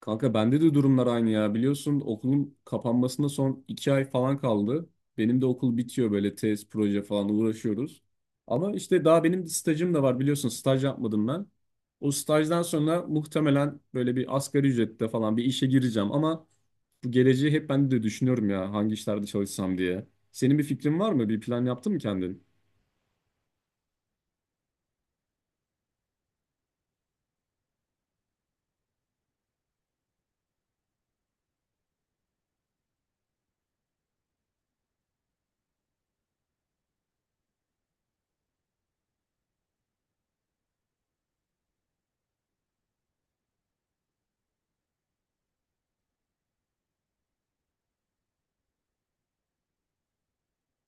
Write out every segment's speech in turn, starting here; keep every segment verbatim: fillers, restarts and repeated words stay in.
Kanka bende de durumlar aynı ya. Biliyorsun okulun kapanmasına son iki ay falan kaldı. Benim de okul bitiyor böyle tez, proje falan uğraşıyoruz. Ama işte daha benim stajım da var biliyorsun staj yapmadım ben. O stajdan sonra muhtemelen böyle bir asgari ücrette falan bir işe gireceğim. Ama bu geleceği hep ben de düşünüyorum ya hangi işlerde çalışsam diye. Senin bir fikrin var mı? Bir plan yaptın mı kendin?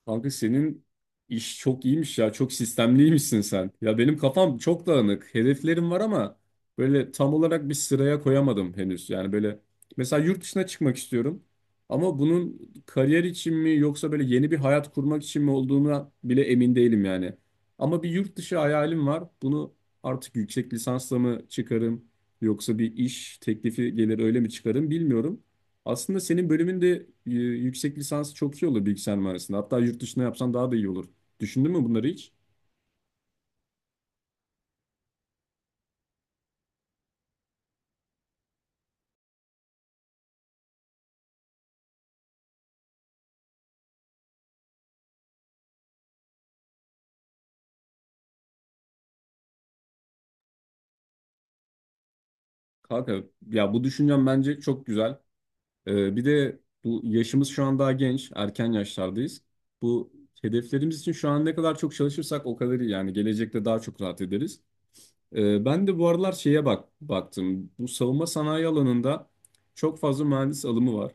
Kanka senin iş çok iyiymiş ya. Çok sistemliymişsin sen. Ya benim kafam çok dağınık. Hedeflerim var ama böyle tam olarak bir sıraya koyamadım henüz. Yani böyle mesela yurt dışına çıkmak istiyorum. Ama bunun kariyer için mi yoksa böyle yeni bir hayat kurmak için mi olduğuna bile emin değilim yani. Ama bir yurt dışı hayalim var. Bunu artık yüksek lisansla mı çıkarım yoksa bir iş teklifi gelir öyle mi çıkarım bilmiyorum. Aslında senin bölümünde e, yüksek lisansı çok iyi olur bilgisayar mühendisliğinde. Hatta yurt dışına yapsan daha da iyi olur. Düşündün mü bunları hiç? Kanka ya bu düşüncem bence çok güzel. Ee, bir de bu yaşımız şu an daha genç, erken yaşlardayız. Bu hedeflerimiz için şu an ne kadar çok çalışırsak o kadar iyi yani gelecekte daha çok rahat ederiz. Ee, ben de bu aralar şeye bak baktım. Bu savunma sanayi alanında çok fazla mühendis alımı var.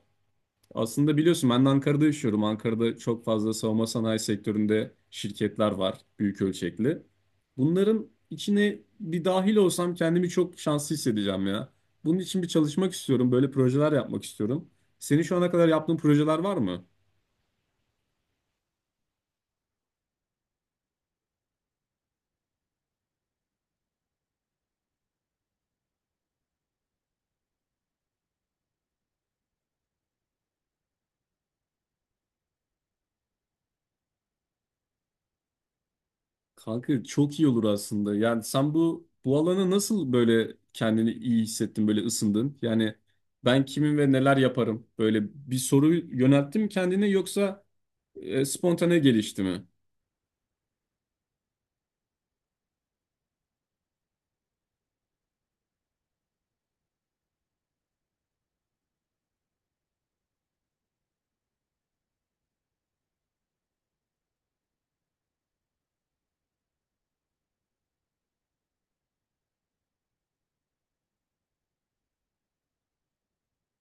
Aslında biliyorsun ben de Ankara'da yaşıyorum. Ankara'da çok fazla savunma sanayi sektöründe şirketler var büyük ölçekli. Bunların içine bir dahil olsam kendimi çok şanslı hissedeceğim ya. Bunun için bir çalışmak istiyorum. Böyle projeler yapmak istiyorum. Senin şu ana kadar yaptığın projeler var mı? Kanka çok iyi olur aslında. Yani sen bu bu alana nasıl böyle kendini iyi hissettin, böyle ısındın? Yani ben kimim ve neler yaparım? Böyle bir soru yönelttin mi kendine yoksa e, spontane gelişti mi?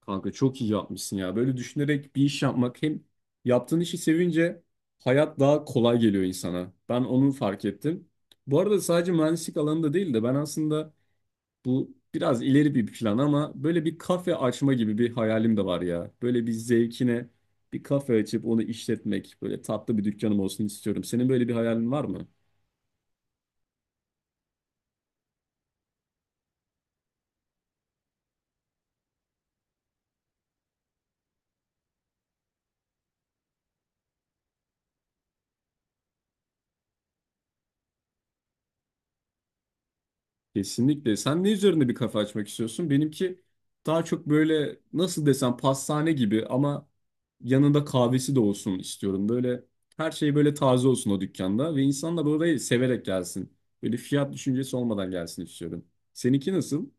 Kanka çok iyi yapmışsın ya. Böyle düşünerek bir iş yapmak hem yaptığın işi sevince hayat daha kolay geliyor insana. Ben onu fark ettim. Bu arada sadece mühendislik alanında değil de ben aslında bu biraz ileri bir plan ama böyle bir kafe açma gibi bir hayalim de var ya. Böyle bir zevkine bir kafe açıp onu işletmek, böyle tatlı bir dükkanım olsun istiyorum. Senin böyle bir hayalin var mı? Kesinlikle. Sen ne üzerinde bir kafa açmak istiyorsun? Benimki daha çok böyle nasıl desem pastane gibi ama yanında kahvesi de olsun istiyorum. Böyle her şey böyle taze olsun o dükkanda ve insanlar orayı severek gelsin. Böyle fiyat düşüncesi olmadan gelsin istiyorum. Seninki nasıl?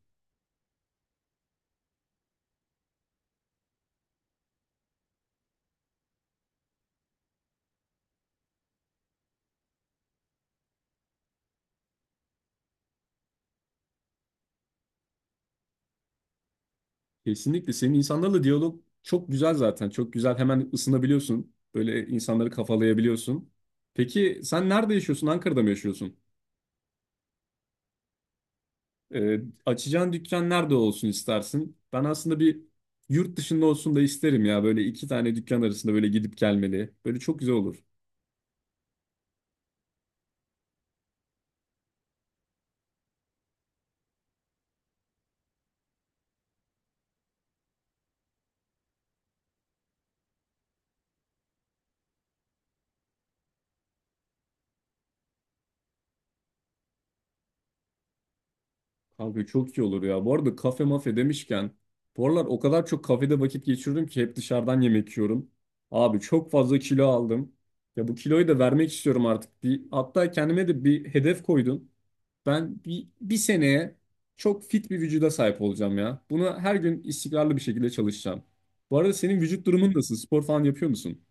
Kesinlikle. Senin insanlarla diyalog çok güzel zaten. Çok güzel. Hemen ısınabiliyorsun. Böyle insanları kafalayabiliyorsun. Peki sen nerede yaşıyorsun? Ankara'da mı yaşıyorsun? Ee, Açacağın dükkan nerede olsun istersin? Ben aslında bir yurt dışında olsun da isterim ya. Böyle iki tane dükkan arasında böyle gidip gelmeli. Böyle çok güzel olur. Kanka çok iyi olur ya. Bu arada kafe mafe demişken bu aralar o kadar çok kafede vakit geçirdim ki hep dışarıdan yemek yiyorum. Abi çok fazla kilo aldım. Ya bu kiloyu da vermek istiyorum artık. Bir, hatta kendime de bir hedef koydum. Ben bir, bir seneye çok fit bir vücuda sahip olacağım ya. Buna her gün istikrarlı bir şekilde çalışacağım. Bu arada senin vücut durumun nasıl? Spor falan yapıyor musun?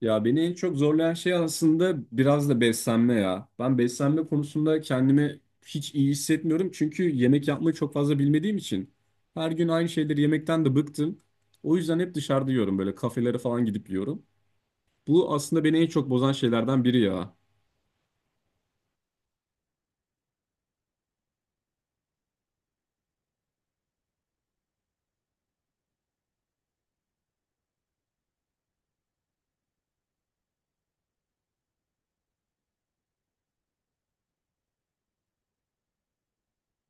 Ya beni en çok zorlayan şey aslında biraz da beslenme ya. Ben beslenme konusunda kendimi hiç iyi hissetmiyorum. Çünkü yemek yapmayı çok fazla bilmediğim için. Her gün aynı şeyleri yemekten de bıktım. O yüzden hep dışarıda yiyorum böyle kafelere falan gidip yiyorum. Bu aslında beni en çok bozan şeylerden biri ya.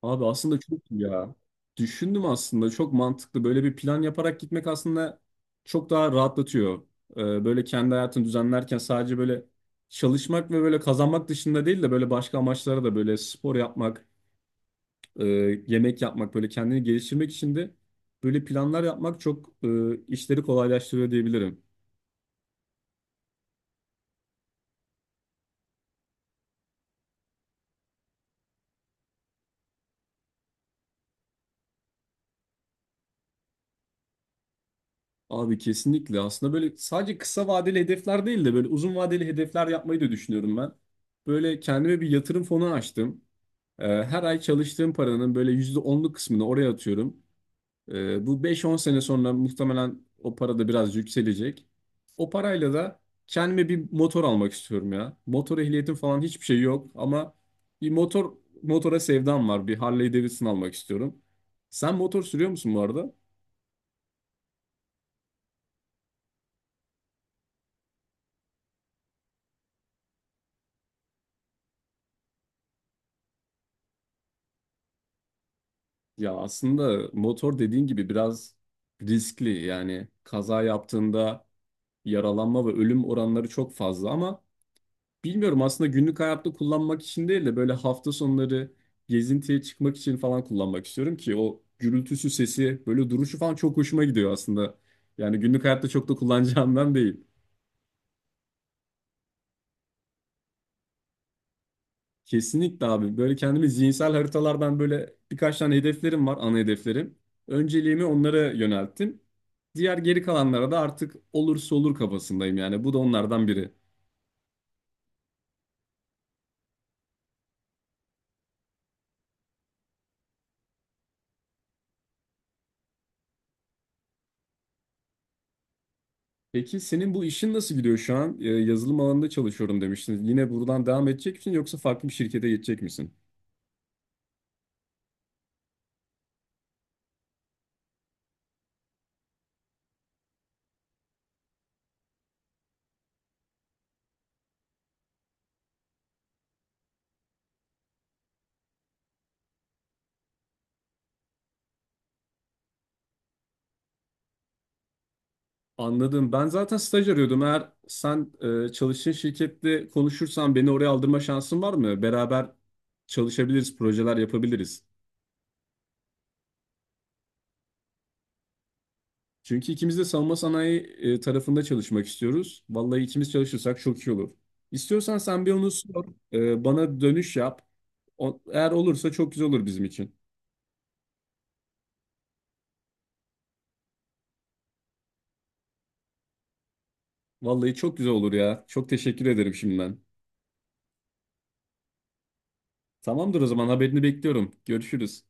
Abi aslında çok iyi ya. Düşündüm aslında çok mantıklı. Böyle bir plan yaparak gitmek aslında çok daha rahatlatıyor. Ee, böyle kendi hayatını düzenlerken sadece böyle çalışmak ve böyle kazanmak dışında değil de böyle başka amaçlara da böyle spor yapmak, e, yemek yapmak, böyle kendini geliştirmek için de böyle planlar yapmak çok e, işleri kolaylaştırıyor diyebilirim. Abi kesinlikle aslında böyle sadece kısa vadeli hedefler değil de böyle uzun vadeli hedefler yapmayı da düşünüyorum ben. Böyle kendime bir yatırım fonu açtım. Ee, Her ay çalıştığım paranın böyle yüzde onluk kısmını oraya atıyorum. Ee, Bu beş on sene sonra muhtemelen o para da biraz yükselecek. O parayla da kendime bir motor almak istiyorum ya. Motor ehliyetim falan hiçbir şey yok ama bir motor motora sevdam var. Bir Harley Davidson almak istiyorum. Sen motor sürüyor musun bu arada? Ya aslında motor dediğin gibi biraz riskli. Yani kaza yaptığında yaralanma ve ölüm oranları çok fazla ama bilmiyorum aslında günlük hayatta kullanmak için değil de böyle hafta sonları gezintiye çıkmak için falan kullanmak istiyorum ki o gürültüsü sesi böyle duruşu falan çok hoşuma gidiyor aslında. Yani günlük hayatta çok da kullanacağımdan değil. Kesinlikle abi böyle kendimi zihinsel haritalardan böyle birkaç tane hedeflerim var ana hedeflerim. Önceliğimi onlara yönelttim. Diğer geri kalanlara da artık olursa olur kafasındayım yani bu da onlardan biri. Peki senin bu işin nasıl gidiyor şu an? Ee, Yazılım alanında çalışıyorum demiştin. Yine buradan devam edecek misin yoksa farklı bir şirkete geçecek misin? Anladım. Ben zaten staj arıyordum. Eğer sen e, çalıştığın şirkette konuşursan beni oraya aldırma şansın var mı? Beraber çalışabiliriz, projeler yapabiliriz. Çünkü ikimiz de savunma sanayi e, tarafında çalışmak istiyoruz. Vallahi ikimiz çalışırsak çok iyi olur. İstiyorsan sen bir onu sor, e, bana dönüş yap. O- eğer olursa çok güzel olur bizim için. Vallahi çok güzel olur ya. Çok teşekkür ederim şimdiden. Tamamdır o zaman haberini bekliyorum. Görüşürüz.